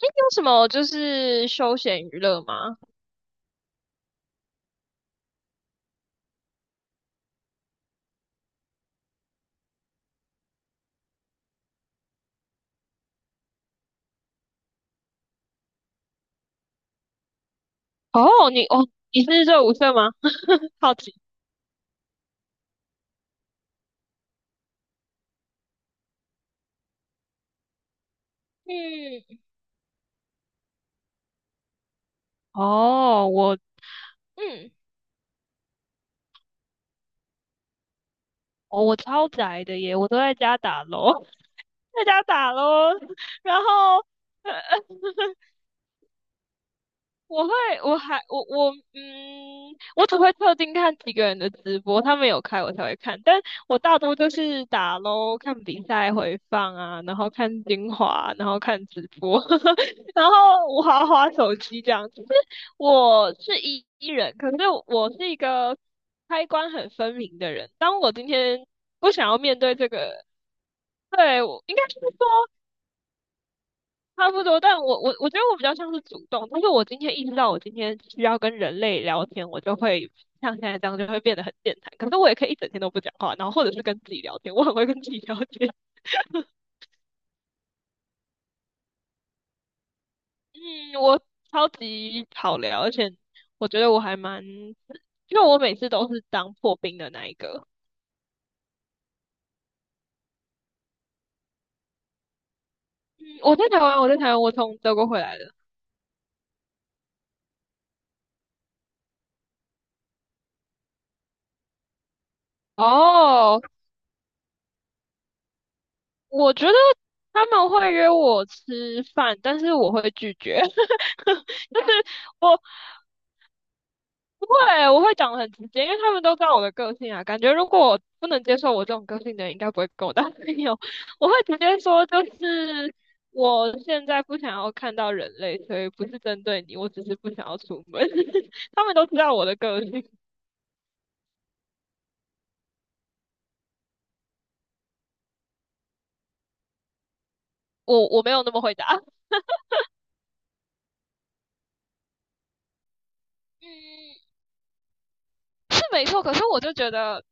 有什么就是休闲娱乐吗？哦，你是热舞社吗？好奇。嗯，哦，嗯，哦，我超宅的耶，我都在家打楼，在家打楼，然后 我会，我还，我我，嗯，我只会特定看几个人的直播，他们有开我才会看，但我大多就是打喽，看比赛回放啊，然后看精华，然后看直播，然后我滑滑手机这样。就是我是一人，可是我是一个开关很分明的人。当我今天不想要面对这个，对，我应该是说。差不多，但我觉得我比较像是主动，但是我今天意识到我今天需要跟人类聊天，我就会像现在这样就会变得很健谈。可是我也可以一整天都不讲话，然后或者是跟自己聊天，我很会跟自己聊天。嗯，我超级好聊，而且我觉得我还蛮，因为我每次都是当破冰的那一个。嗯，我在台湾，我在台湾，我从德国回来的。哦，我觉得他们会约我吃饭，但是我会拒绝。就是我不会，我会讲得很直接，因为他们都知道我的个性啊。感觉如果我不能接受我这种个性的人，应该不会跟我当朋友。我会直接说，就是我现在不想要看到人类，所以不是针对你，我只是不想要出门。他们都知道我的个性，我没有那么回答。嗯，是没错，可是我就觉得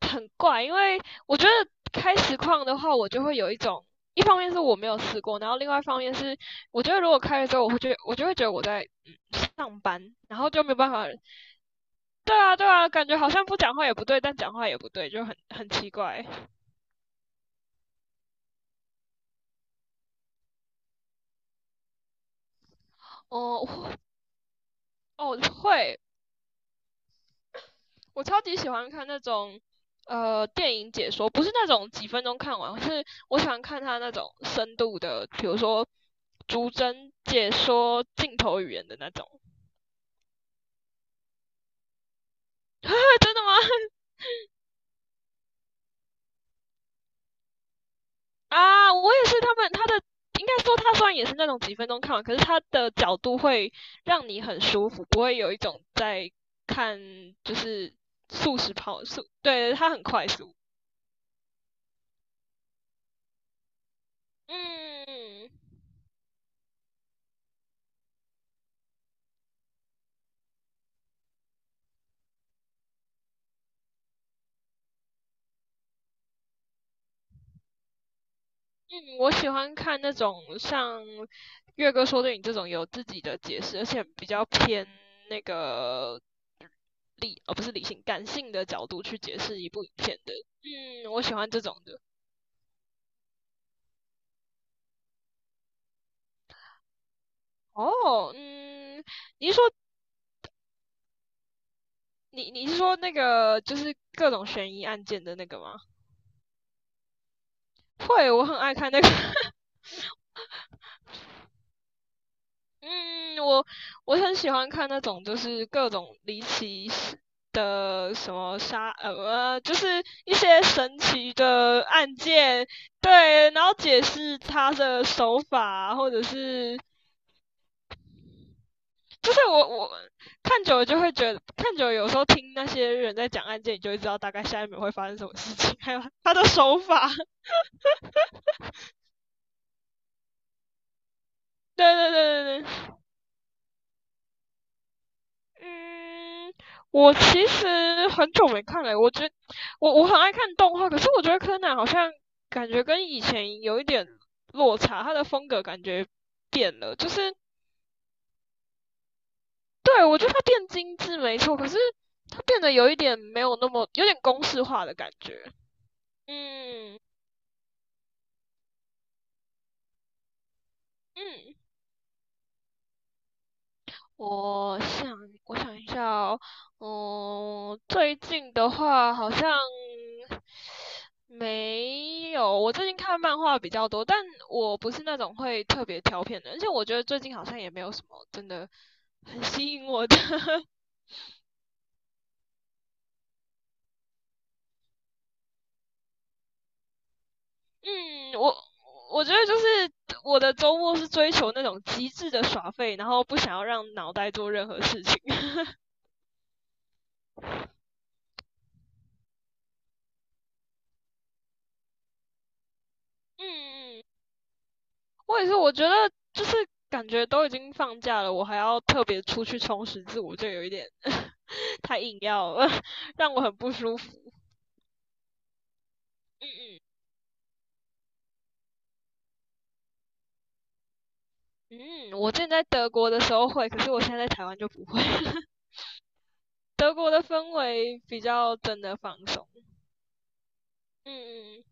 很怪，因为我觉得开实况的话，我就会有一种，一方面是我没有试过，然后另外一方面是，我觉得如果开了之后，我就会觉得我在、上班，然后就没有办法。对啊，对啊，感觉好像不讲话也不对，但讲话也不对，就很奇怪。哦、我哦，会，我超级喜欢看那种电影解说，不是那种几分钟看完，是我喜欢看他那种深度的，比如说逐帧解说镜头语言的那种。真的吗？啊，我也是。他的应该说他虽然也是那种几分钟看完，可是他的角度会让你很舒服，不会有一种在看就是速食跑速，对，他很快速。嗯。嗯，我喜欢看那种像月哥说的你这种有自己的解释，而且比较偏那个理，哦，不是理性，感性的角度去解释一部影片的。嗯，我喜欢这种的。哦，嗯，你是说你是说那个就是各种悬疑案件的那个吗？会，我很爱看那个。嗯，我很喜欢看那种就是各种离奇事的什么杀,就是一些神奇的案件，对，然后解释他的手法，或者是就是我看久了就会觉得，看久了有时候听那些人在讲案件，你就会知道大概下一秒会发生什么事情，还有他的手法，对对对对对。嗯，我其实很久没看了，我觉我我很爱看动画，可是我觉得柯南好像感觉跟以前有一点落差，他的风格感觉变了，就是对，我觉得他变精致没错，可是他变得有一点没有那么有点公式化的感觉。嗯嗯。我想，我想一下哦，嗯，最近的话好像没有。我最近看漫画比较多，但我不是那种会特别挑片的，而且我觉得最近好像也没有什么真的很吸引我的。嗯，我觉得就是我的周末是追求那种极致的耍废，然后不想要让脑袋做任何事情。嗯嗯。我也是，我觉得就是感觉都已经放假了，我还要特别出去充实自我，就有一点 太硬要了，让我很不舒服。嗯嗯嗯，我之前在德国的时候会，可是我现在在台湾就不会。德国的氛围比较真的放松。嗯嗯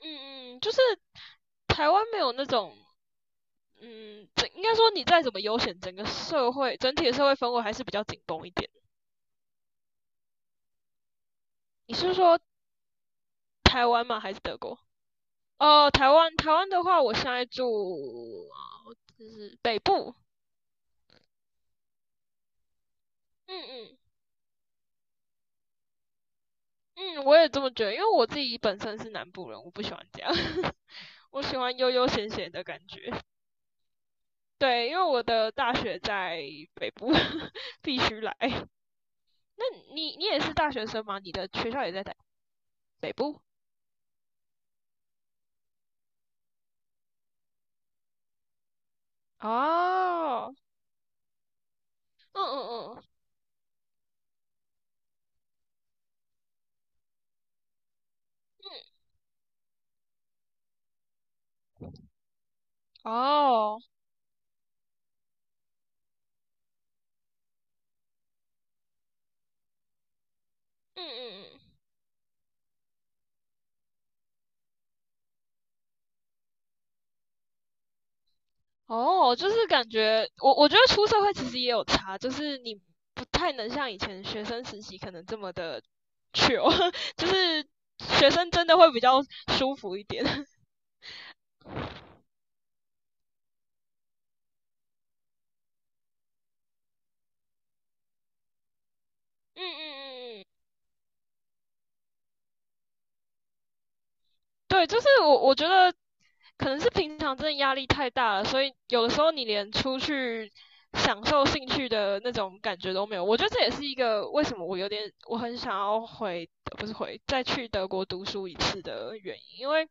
嗯嗯，就是台湾没有那种。嗯，这应该说你再怎么悠闲，整个社会整体的社会氛围还是比较紧绷一点。你是说台湾吗？还是德国？哦，台湾的话，我现在住就是北部，嗯嗯嗯，我也这么觉得，因为我自己本身是南部人，我不喜欢这样，我喜欢悠悠闲闲的感觉。对，因为我的大学在北部，必须来。那你也是大学生吗？你的学校也在北部？哦，嗯嗯嗯嗯，哦，嗯嗯嗯。哦，就是感觉我觉得出社会其实也有差，就是你不太能像以前学生时期可能这么的 chill，就是学生真的会比较舒服一点。嗯嗯嗯嗯。对，就是我觉得可能是平常真的压力太大了，所以有的时候你连出去享受兴趣的那种感觉都没有。我觉得这也是一个为什么我有点我很想要回，不是回，再去德国读书一次的原因，因为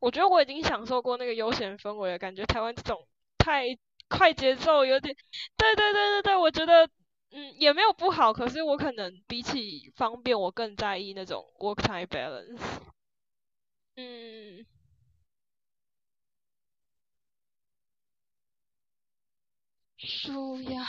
我觉得我已经享受过那个悠闲氛围了，感觉台湾这种太快节奏有点，对对对对对，我觉得。嗯，也没有不好，可是我可能比起方便，我更在意那种 work-time balance。嗯，舒压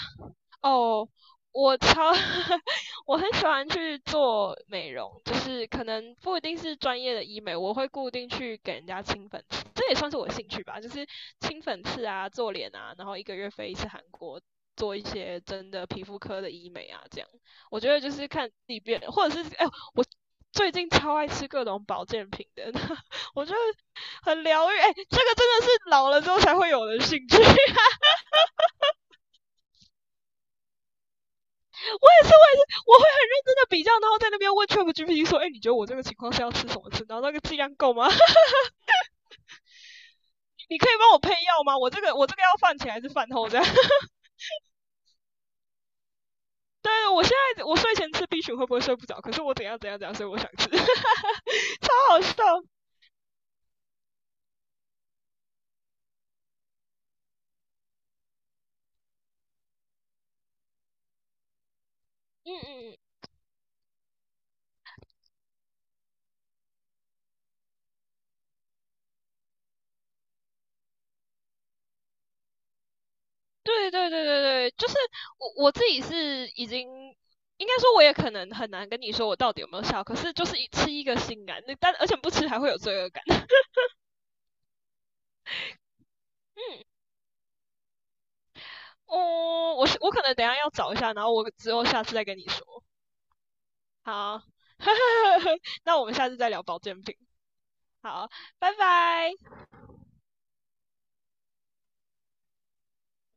哦，我超 我很喜欢去做美容，就是可能不一定是专业的医美，我会固定去给人家清粉刺，这也算是我的兴趣吧，就是清粉刺啊、做脸啊，然后一个月飞一次韩国，做一些真的皮肤科的医美啊，这样我觉得就是看自己变，或者是哎、我最近超爱吃各种保健品的，我觉得很疗愈，哎、这个真的是老了之后才会有的兴趣。我也是，我也是，我会很认真的比较，然后在那边问 ChatGPT 说，哎、欸你觉得我这个情况是要吃什么吃？然后那个剂量够吗？你可以帮我配药吗？我这个要饭前还是饭后这样？对，我现在我睡前吃 B 群会不会睡不着？可是我怎样怎样怎样，所以我想吃，超好笑。嗯嗯，对对对对对，就是我自己是已经。应该说，我也可能很难跟你说我到底有没有效，可是就是一吃一个心安，那但而且不吃还会有罪恶感。嗯，哦，我可能等一下要找一下，然后我之后下次再跟你说。好，那我们下次再聊保健品。好，拜拜。